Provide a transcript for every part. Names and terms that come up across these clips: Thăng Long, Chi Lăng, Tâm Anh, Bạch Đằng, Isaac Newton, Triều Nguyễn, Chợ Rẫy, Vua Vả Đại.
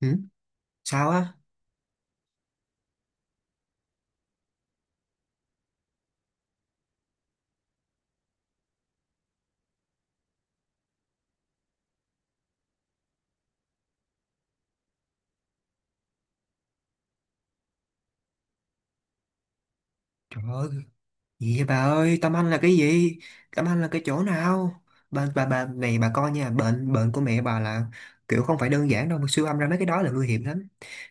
Ừ? Sao á? Trời ơi, gì vậy bà ơi, Tâm Anh là cái gì? Tâm Anh là cái chỗ nào? Bà này bà coi nha, bệnh bệnh của mẹ bà là kiểu không phải đơn giản đâu, mà siêu âm ra mấy cái đó là nguy hiểm lắm.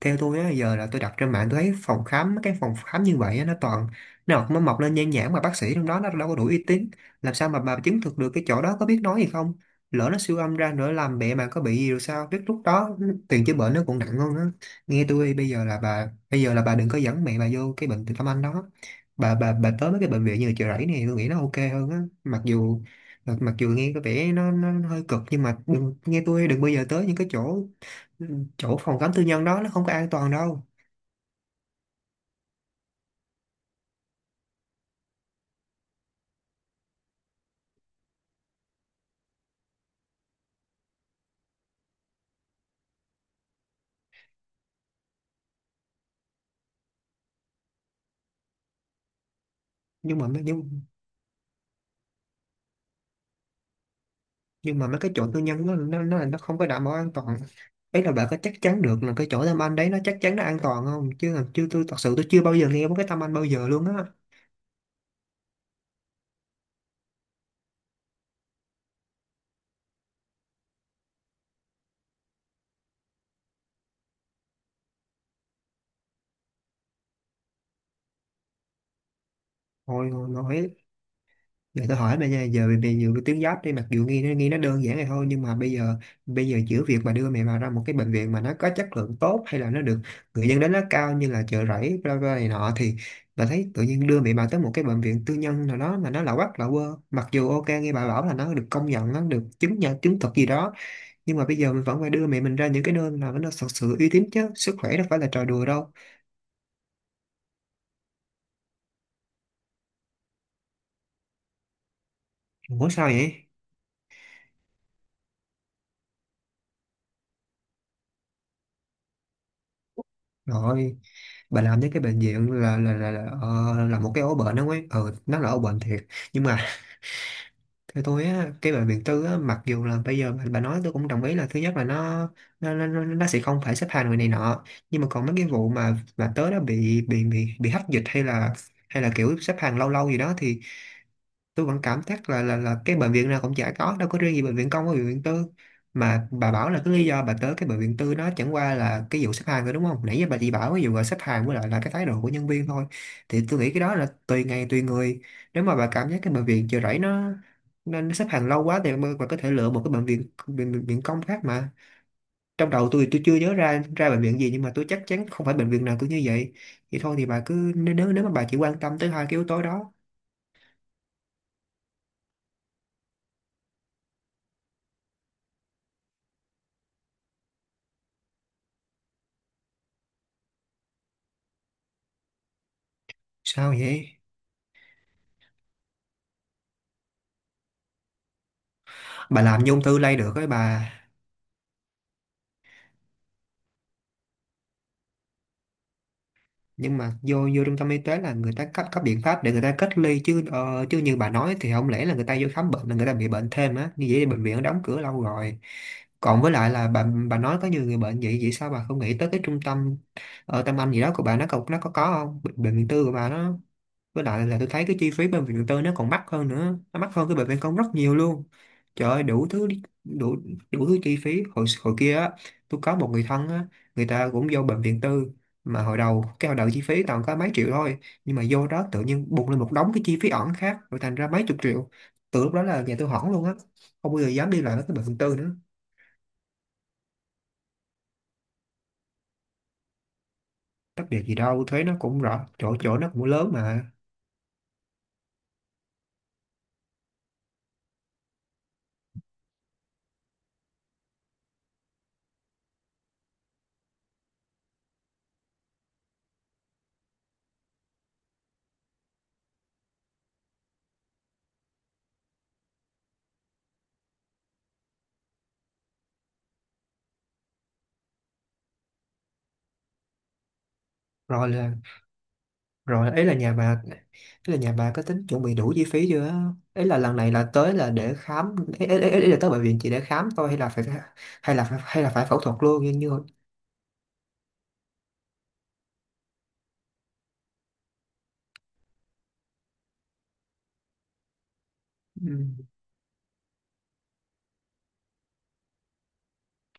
Theo tôi á, giờ là tôi đặt trên mạng tôi thấy phòng khám cái phòng khám như vậy á, nó toàn nó mọc lên nhan nhản, mà bác sĩ trong đó nó đâu có đủ uy tín, làm sao mà bà chứng thực được cái chỗ đó có biết nói gì không, lỡ nó siêu âm ra nữa làm mẹ mà có bị gì rồi sao biết lúc đó tiền chữa bệnh nó còn nặng hơn á. Nghe tôi bây giờ là bà, bây giờ là bà đừng có dẫn mẹ bà vô cái bệnh Từ Tâm Anh đó. Bà tới mấy cái bệnh viện như Chợ Rẫy này tôi nghĩ nó ok hơn á, mặc dù nghe có vẻ nó hơi cực, nhưng mà đừng, nghe tôi đừng bao giờ tới những cái chỗ, ừ, chỗ phòng khám tư nhân đó, nó không có an toàn đâu. Nhưng mà mấy- nhưng nhưng mà mấy cái chỗ tư nhân nó không có đảm bảo an toàn. Ấy là bạn có chắc chắn được là cái chỗ Tâm Anh đấy nó chắc chắn nó an toàn không, chứ là chưa, tôi thật sự tôi chưa bao giờ nghe một cái Tâm Anh bao giờ luôn á. Hồi hồi, hồi Để tôi hỏi bây giờ, giờ về về nhiều cái tuyến giáp đi, mặc dù nghe nó đơn giản này thôi nhưng mà bây giờ giữa việc mà đưa mẹ vào ra một cái bệnh viện mà nó có chất lượng tốt hay là nó được người dân đánh giá cao như là Chợ Rẫy bla bla này nọ thì bà thấy tự nhiên đưa mẹ bà tới một cái bệnh viện tư nhân nào đó mà nó lạ quắc lạ quơ, mặc dù ok nghe bà bảo là nó được công nhận nó được chứng nhận chứng thực gì đó, nhưng mà bây giờ mình vẫn phải đưa mẹ mình ra những cái nơi nào nó thật sự uy tín chứ, sức khỏe đâu phải là trò đùa đâu. Ủa sao vậy? Rồi bà làm với cái bệnh viện là một cái ổ bệnh đó ấy, ừ, nó là ổ bệnh thiệt, nhưng mà theo tôi á cái bệnh viện tư á, mặc dù là bây giờ bà nói tôi cũng đồng ý là thứ nhất là nó sẽ không phải xếp hàng người này nọ, nhưng mà còn mấy cái vụ mà tớ đã bị hách dịch hay là kiểu xếp hàng lâu lâu gì đó thì tôi vẫn cảm giác là cái bệnh viện nào cũng chả có, đâu có riêng gì bệnh viện công với bệnh viện tư, mà bà bảo là cái lý do bà tới cái bệnh viện tư nó chẳng qua là cái vụ xếp hàng thôi đúng không, nãy giờ bà chỉ bảo cái vụ là xếp hàng với lại là cái thái độ của nhân viên thôi. Thì tôi nghĩ cái đó là tùy ngày tùy người. Nếu mà bà cảm giác cái bệnh viện Chợ Rẫy nó nên nó xếp hàng lâu quá thì bà có thể lựa một cái bệnh viện công khác mà, trong đầu tôi chưa nhớ ra ra bệnh viện gì nhưng mà tôi chắc chắn không phải bệnh viện nào cũng như vậy. Vậy thôi thì bà cứ nếu nếu nếu mà bà chỉ quan tâm tới hai cái yếu tố đó. Sao vậy? Bà làm như ung thư lây được ấy bà. Nhưng mà vô vô trung tâm y tế là người ta cấp cấp biện pháp để người ta cách ly chứ, chứ như bà nói thì không lẽ là người ta vô khám bệnh là người ta bị bệnh thêm á, như vậy thì bệnh viện đã đóng cửa lâu rồi. Còn với lại là bà nói có nhiều người bệnh vậy, sao bà không nghĩ tới cái trung tâm, Tâm Anh gì đó của bà nó có nó có không bệnh viện tư của bà nó, với lại là tôi thấy cái chi phí bệnh viện tư nó còn mắc hơn nữa, nó mắc hơn cái bệnh viện công rất nhiều luôn. Trời ơi đủ thứ chi phí hồi hồi kia á. Tôi có một người thân á, người ta cũng vô bệnh viện tư, mà hồi đầu chi phí toàn có mấy triệu thôi, nhưng mà vô đó tự nhiên bùng lên một đống cái chi phí ẩn khác rồi thành ra mấy chục triệu, từ lúc đó là nhà tôi hỏng luôn á, không bao giờ dám đi lại với cái bệnh viện tư nữa. Tách biệt gì đâu, thuế nó cũng rõ chỗ, nó cũng lớn mà. rồi là Rồi ấy là nhà bà, ý là nhà bà có tính chuẩn bị đủ chi phí chưa á? Ý là lần này là tới là để khám ấy, ý, ý ý là tới bệnh viện chỉ để khám thôi hay là phải hay là phải phẫu thuật luôn như như. Ừ.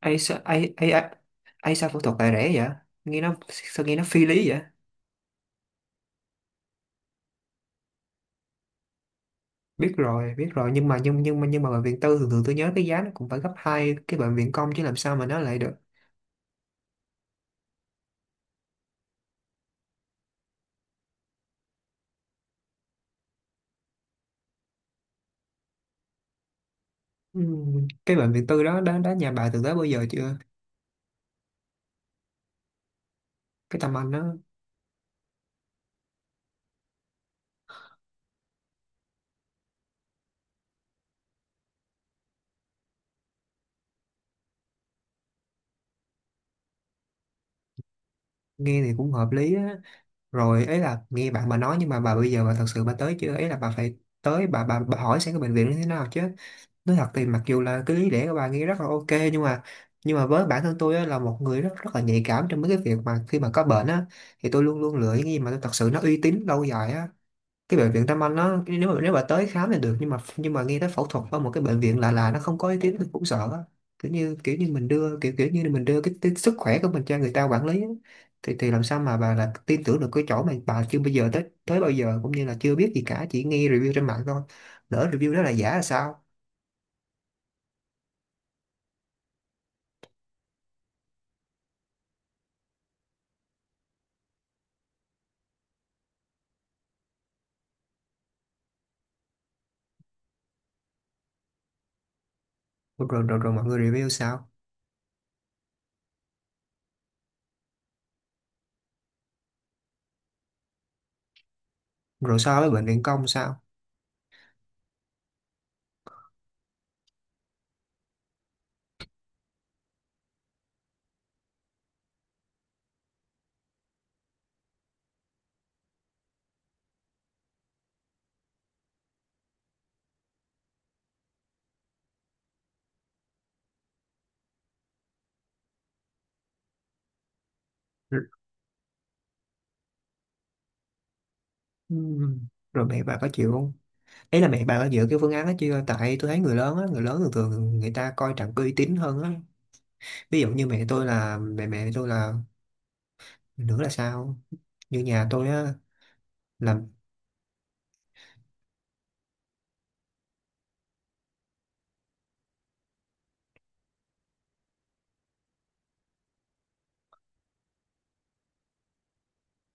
ấy sao ấy ấy ấy Ấy sao phẫu thuật lại rẻ vậy? Nghe nó sao, nghe nó phi lý vậy? Biết rồi, biết rồi, nhưng mà bệnh viện tư thường thường tôi nhớ cái giá nó cũng phải gấp hai cái bệnh viện công chứ, làm sao mà nó lại được. Ừ. Cái bệnh viện tư đó đó đó nhà bà từng tới bao giờ chưa? Cái tầm anh đó nghe thì cũng hợp lý á. Rồi ấy là nghe bạn bà nói, nhưng mà bà bây giờ bà thật sự bà tới chưa, ấy là bà phải tới, bà hỏi xem cái bệnh viện nó thế nào chứ. Nói thật thì mặc dù là cái lý lẽ của bà nghe rất là ok, nhưng mà với bản thân tôi á, là một người rất rất là nhạy cảm trong mấy cái việc mà khi mà có bệnh á, thì tôi luôn luôn lựa những cái gì mà tôi thật sự nó uy tín lâu dài á. Cái bệnh viện Tâm Anh nó nếu mà tới khám thì được, nhưng mà nghe tới phẫu thuật ở một cái bệnh viện lạ lạ nó không có ý kiến mình cũng sợ á. Kiểu như kiểu như mình đưa kiểu kiểu như mình đưa cái sức khỏe của mình cho người ta quản lý á. Thì làm sao mà bà là tin tưởng được cái chỗ mà bà chưa bây giờ tới tới bao giờ, cũng như là chưa biết gì cả, chỉ nghe review trên mạng thôi, lỡ review đó là giả là sao. Rồi, rồi, rồi, mọi người review sao? Rồi so với bệnh viện công sao? Rồi, ừm, rồi mẹ bà có chịu không, ý là mẹ bà có dựa cái phương án đó chưa, tại tôi thấy người lớn á, người lớn thường thường người ta coi trọng cái uy tín hơn á. Ví dụ như mẹ tôi là, mẹ mẹ tôi là Nữa là sao? Như nhà tôi á, là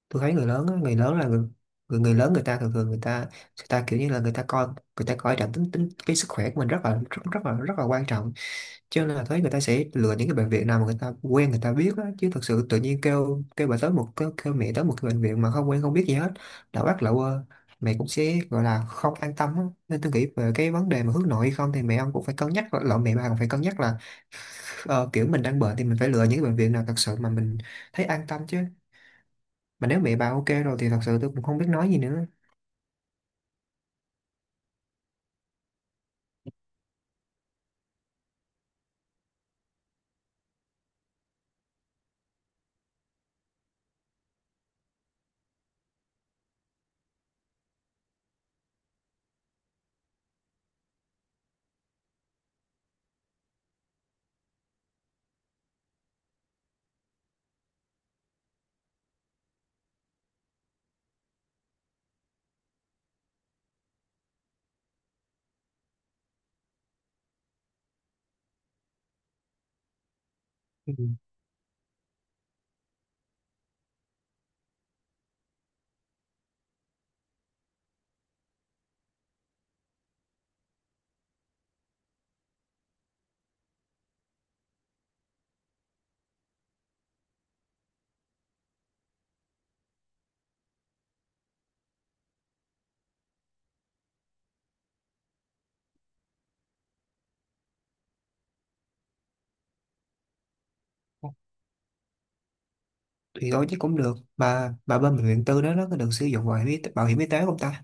tôi thấy người lớn á, người lớn là người, người lớn người ta thường thường người ta, người ta kiểu như là người ta coi, người ta coi trọng tính tính cái sức khỏe của mình rất là quan trọng, cho nên là thấy người ta sẽ lựa những cái bệnh viện nào mà người ta quen người ta biết á, chứ thật sự tự nhiên kêu kêu bà tới một kêu, kêu mẹ tới một cái bệnh viện mà không quen không biết gì hết, đã bắt lậu quơ, mẹ cũng sẽ gọi là không an tâm á. Nên tôi nghĩ về cái vấn đề mà hướng nội hay không thì mẹ ông cũng phải cân nhắc lậu, mẹ bà cũng phải cân nhắc là, kiểu mình đang bệnh thì mình phải lựa những cái bệnh viện nào thật sự mà mình thấy an tâm chứ, mà nếu mẹ bà ok rồi thì thật sự tôi cũng không biết nói gì nữa. Ừ. Thì thôi chứ cũng được, bà bên bệnh viện tư đó nó có được sử dụng bảo hiểm y tế, không ta?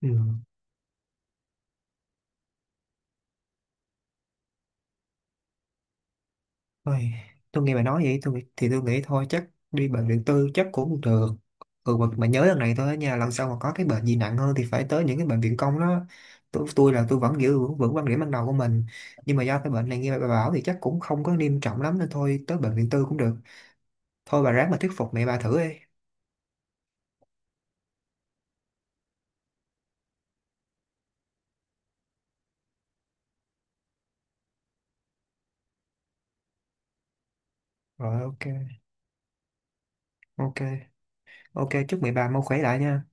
Ừ. Ôi, tôi nghe bà nói vậy tôi thì tôi nghĩ thôi chắc đi bệnh viện tư chắc cũng được. Ừ, mà nhớ lần này thôi á nha, lần sau mà có cái bệnh gì nặng hơn thì phải tới những cái bệnh viện công đó. Tôi là tôi vẫn giữ vững vững quan điểm ban đầu của mình, nhưng mà do cái bệnh này nghe bà bảo thì chắc cũng không có nghiêm trọng lắm nên thôi tới bệnh viện tư cũng được. Thôi bà ráng mà thuyết phục mẹ bà thử đi. Rồi, ok. Ok, ok, chúc mẹ bà mau khỏe lại nha.